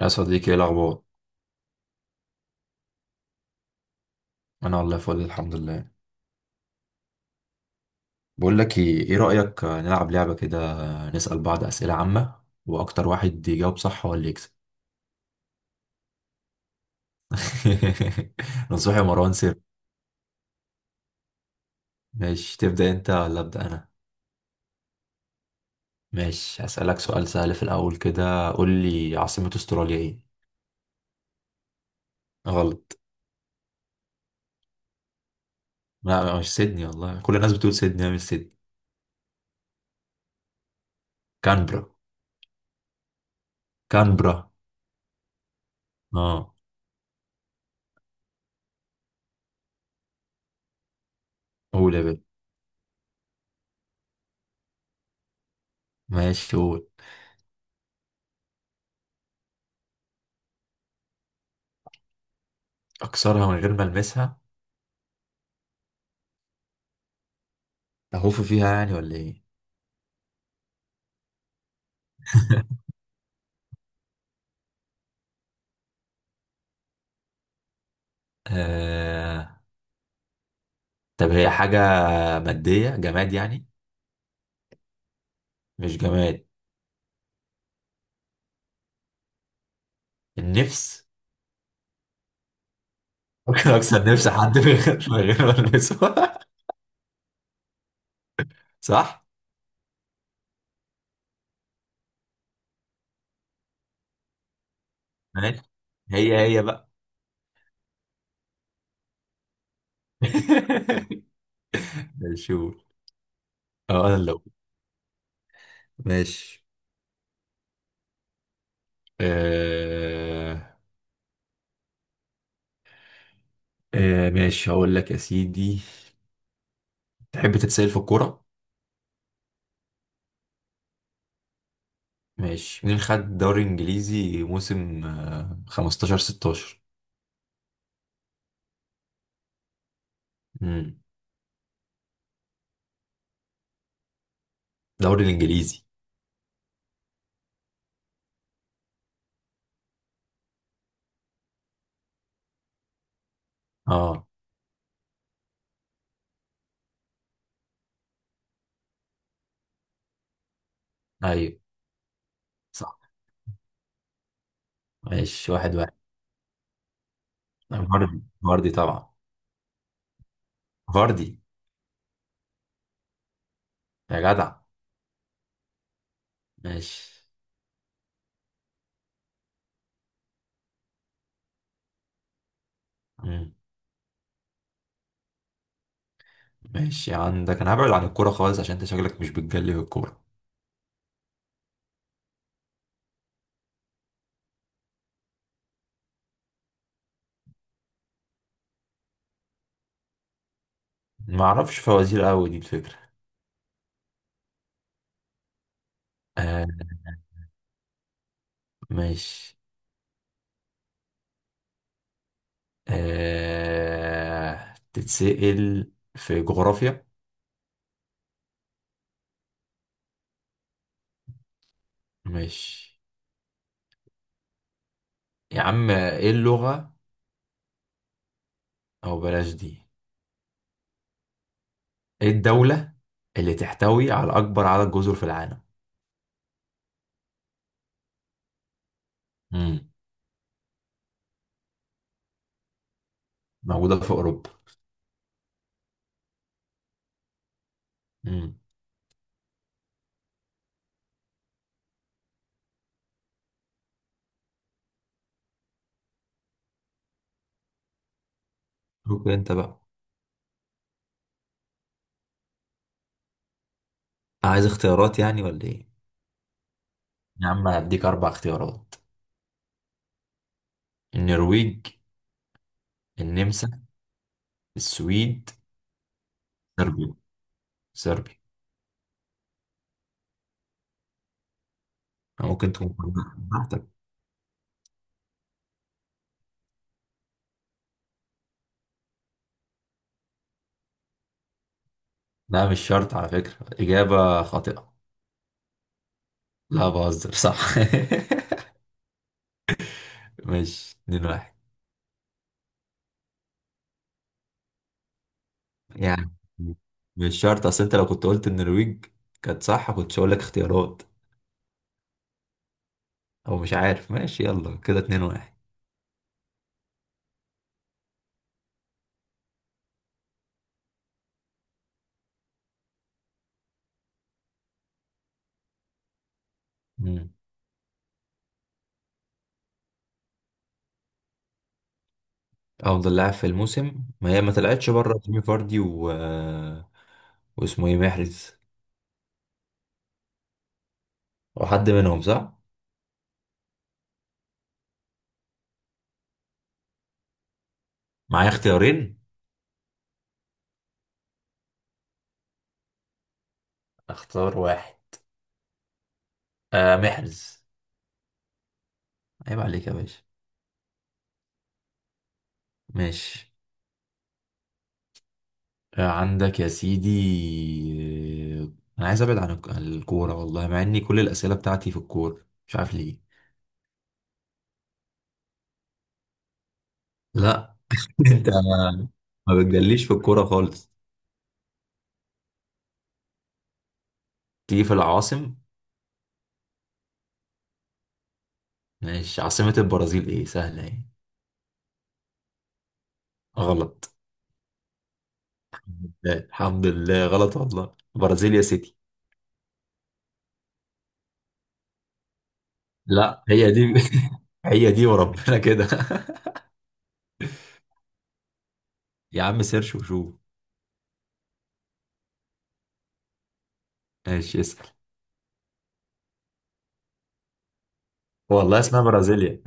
يا صديقي، ايه الاخبار؟ انا والله فل الحمد لله. بقول لك ايه، إيه رايك نلعب لعبه كده؟ نسال بعض اسئله عامه، واكتر واحد يجاوب صح هو اللي يكسب. نصوحي يا مروان سير. ماشي، تبدا انت ولا ابدا انا؟ ماشي، هسالك سؤال سهل في الاول كده، قول لي عاصمه استراليا ايه؟ غلط. لا مش سيدني، والله كل الناس بتقول سيدني، هي مش سيدني. كانبرا كانبرا. اه. قول يا بنت. ماشي قول. اكسرها من غير ما المسها؟ اهوف فيها يعني ولا ايه؟ آه، طب هي حاجة مادية جماد يعني؟ مش جماد. النفس. ممكن أكسر نفس حد من غير ما ألمسه. صح؟ ماشي. هي هي بقى. ماشي قول. أنا اللي أقول. ماشي. آه... ماشي، هقول لك يا سيدي. تحب تتسأل في الكورة؟ ماشي، مين خد دوري إنجليزي موسم 15 16؟ امم. دوري الإنجليزي. أه أيوه صح. ماشي، واحد واحد. فاردي طبعا. فاردي. يا جدع. ماشي. مم. ماشي عندك، انا هبعد عن الكورة خالص عشان انت شكلك مش بتجلي في الكورة. ما اعرفش فوازير قوي، دي الفكرة. آه. ماشي. تتسأل في جغرافيا؟ ماشي يا عم، ايه اللغة، او بلاش دي، ايه الدولة اللي تحتوي على اكبر عدد جزر في العالم؟ مم. موجودة في اوروبا. مم. شوف انت بقى. عايز اختيارات يعني ولا ايه؟ يا عم، انا هديك اربع اختيارات. النرويج. النمسا. السويد. صربيا صربيا. ممكن تكون. براحتك. لا مش شرط على فكرة، إجابة خاطئة. لا بهزر صح. مش اتنين واحد؟ يعني، مش شرط. أصل أنت لو كنت قلت النرويج كانت صح، كنتش هقول لك اختيارات. أو مش عارف. ماشي يلا كده، اتنين واحد. مم. أفضل لاعب في الموسم، ما هي ما طلعتش بره جيمي فاردي و... واسمه إيه، محرز. وحد منهم صح؟ معايا اختيارين. اختار واحد. محرز. عيب عليك يا باشا. ماشي. عندك يا سيدي. آه، انا عايز ابعد عن عن الكوره، والله مع اني كل الاسئله بتاعتي في الكوره مش عارف ليه. لا، انت ما بتجليش في الكوره خالص. تيجي في العواصم. ماشي، عاصمه البرازيل ايه، سهله ايه؟ غلط. لا، الحمد لله غلط، والله برازيليا سيتي. لا هي دي. هي دي وربنا كده. يا عم سيرش وشوف. ماشي، اسال. والله اسمها برازيليا.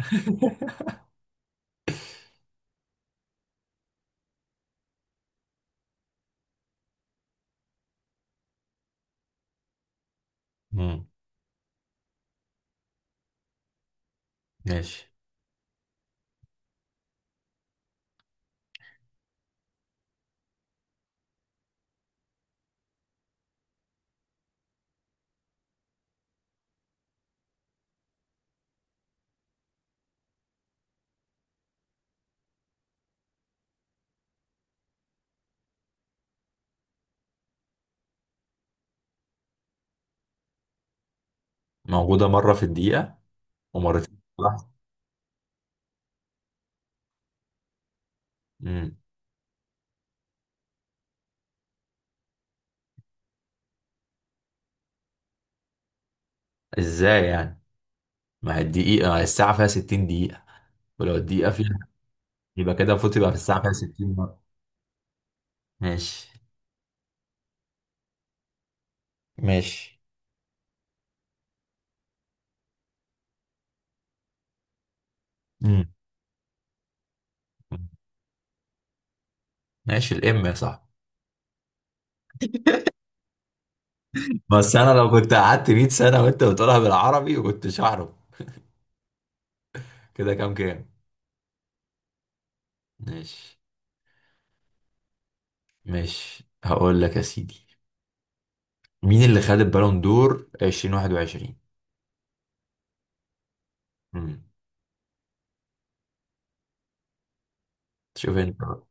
مم، ماشي. موجودة مرة في الدقيقة، ومرتين في اللحظة. امم. ازاي يعني؟ ما هي الدقيقة، ما هي الساعة فيها 60 دقيقة، ولو الدقيقة فيها، يبقى كده المفروض يبقى في الساعة فيها 60 مرة. ماشي. ماشي. امم. ماشي، الام يا صاحبي. بس انا لو كنت قعدت 100 سنة وانت بتقولها بالعربي كنتش اعرف. كده كام كام؟ ماشي. ماشي، هقول لك يا سيدي، مين اللي خد البالون دور 2021؟ امم. شوف انت بقى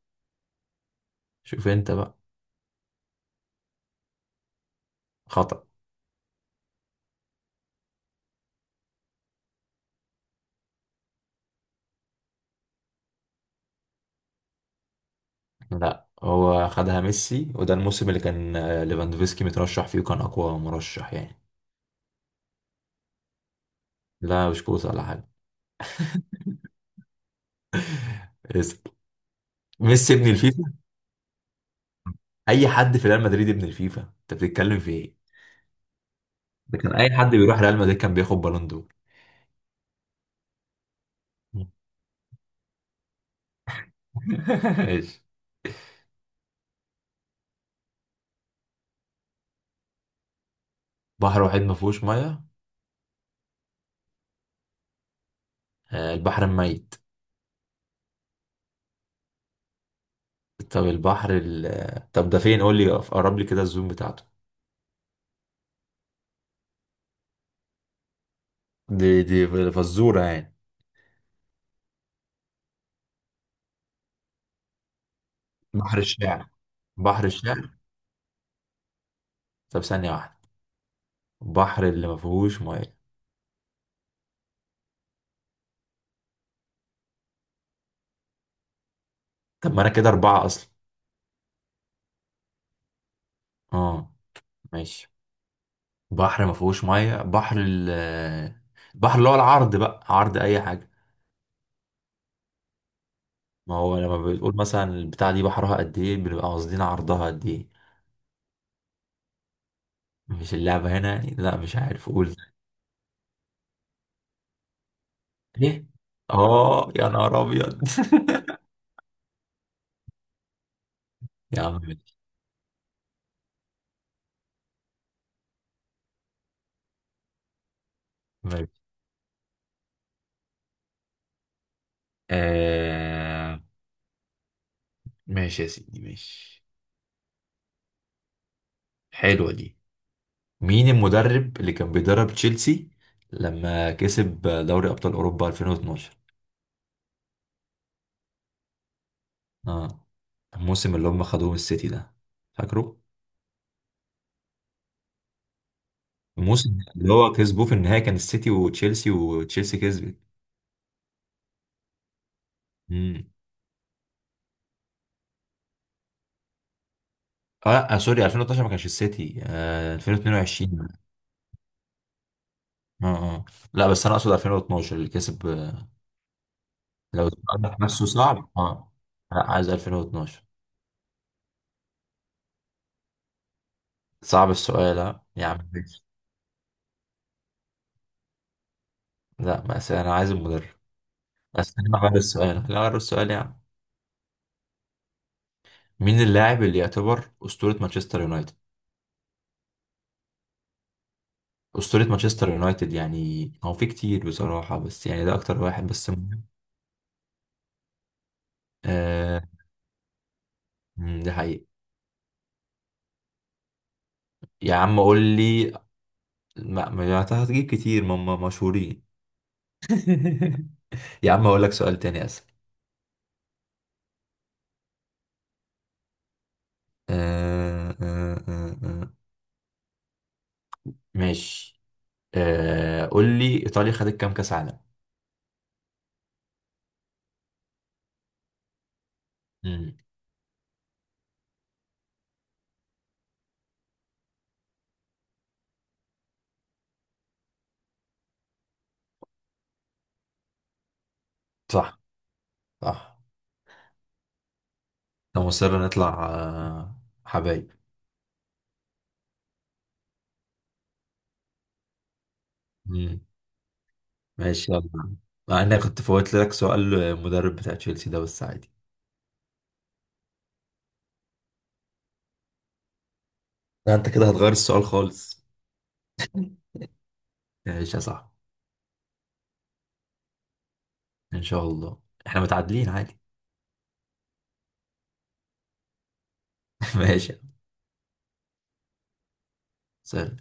شوف انت بقى. خطأ. لا هو خدها ميسي، وده الموسم اللي كان ليفاندوفسكي مترشح فيه وكان اقوى مرشح يعني. لا مش كوسه ولا حاجه. اسأل. ميسي ابن الفيفا؟ اي حد في ريال مدريد ابن الفيفا، انت بتتكلم في ايه؟ ده كان اي حد بيروح ريال مدريد كان بياخد بالون دور. ماشي. بحر واحد ما فيهوش ميه؟ البحر الميت. طب البحر طب ده فين، قول لي قرب لي كده الزوم بتاعته. دي فزوره يعني؟ بحر الشعر؟ بحر الشعر. طب ثانيه واحده. بحر اللي ما فيهوش ميه. طب ما انا كده اربعة اصلا. اه. ماشي. بحر ما فيهوش ميه، بحر البحر اللي هو العرض بقى، عرض اي حاجة. ما هو لما بتقول مثلا البتاع دي بحرها قد ايه، بنبقى قاصدين عرضها قد ايه. مش اللعبة هنا يعني؟ لا مش عارف، قول. ايه؟ اه يا نهار ابيض! يا عم ماشي. ماشي. آه. ماشي يا سيدي، ماشي. حلوة دي. مين المدرب اللي كان بيدرب تشيلسي لما كسب دوري أبطال أوروبا 2012؟ اه. الموسم اللي هم خدوه من السيتي ده، فاكره؟ الموسم اللي هو كسبوه في النهاية كان السيتي وتشيلسي، وتشيلسي كسبت. امم. اه لأ، سوري، 2013 ما كانش السيتي، 2022. اه اه. لا بس انا اقصد 2012 اللي كسب لو السؤال نفسه صعب اه. لا عايز 2012. صعب السؤال اه، يا عم ماشي. لا بس انا عايز المدرب. بس انا غير السؤال، لا غير السؤال يعني. مين اللاعب اللي يعتبر أسطورة مانشستر يونايتد؟ أسطورة مانشستر يونايتد، يعني هو في كتير بصراحة، بس يعني ده أكتر واحد بس مهم. آه. مم، ده حقيقي. يا عم قول لي. ما أنت هتجيب كتير ما هم مشهورين. يا عم أقول لك سؤال تاني أسهل. آه آه آه آه. ماشي. قول لي، إيطاليا خدت كام كأس عالم؟ مم. صح. صح. أنا مصر نطلع حبايب. مم. ماشي يلا. مع إني كنت فوت لك سؤال المدرب بتاع تشيلسي ده، بس عادي. لا انت كده هتغير السؤال خالص. ماشي يا صاحبي. ان شاء الله احنا متعادلين عادي. ماشي. سهل.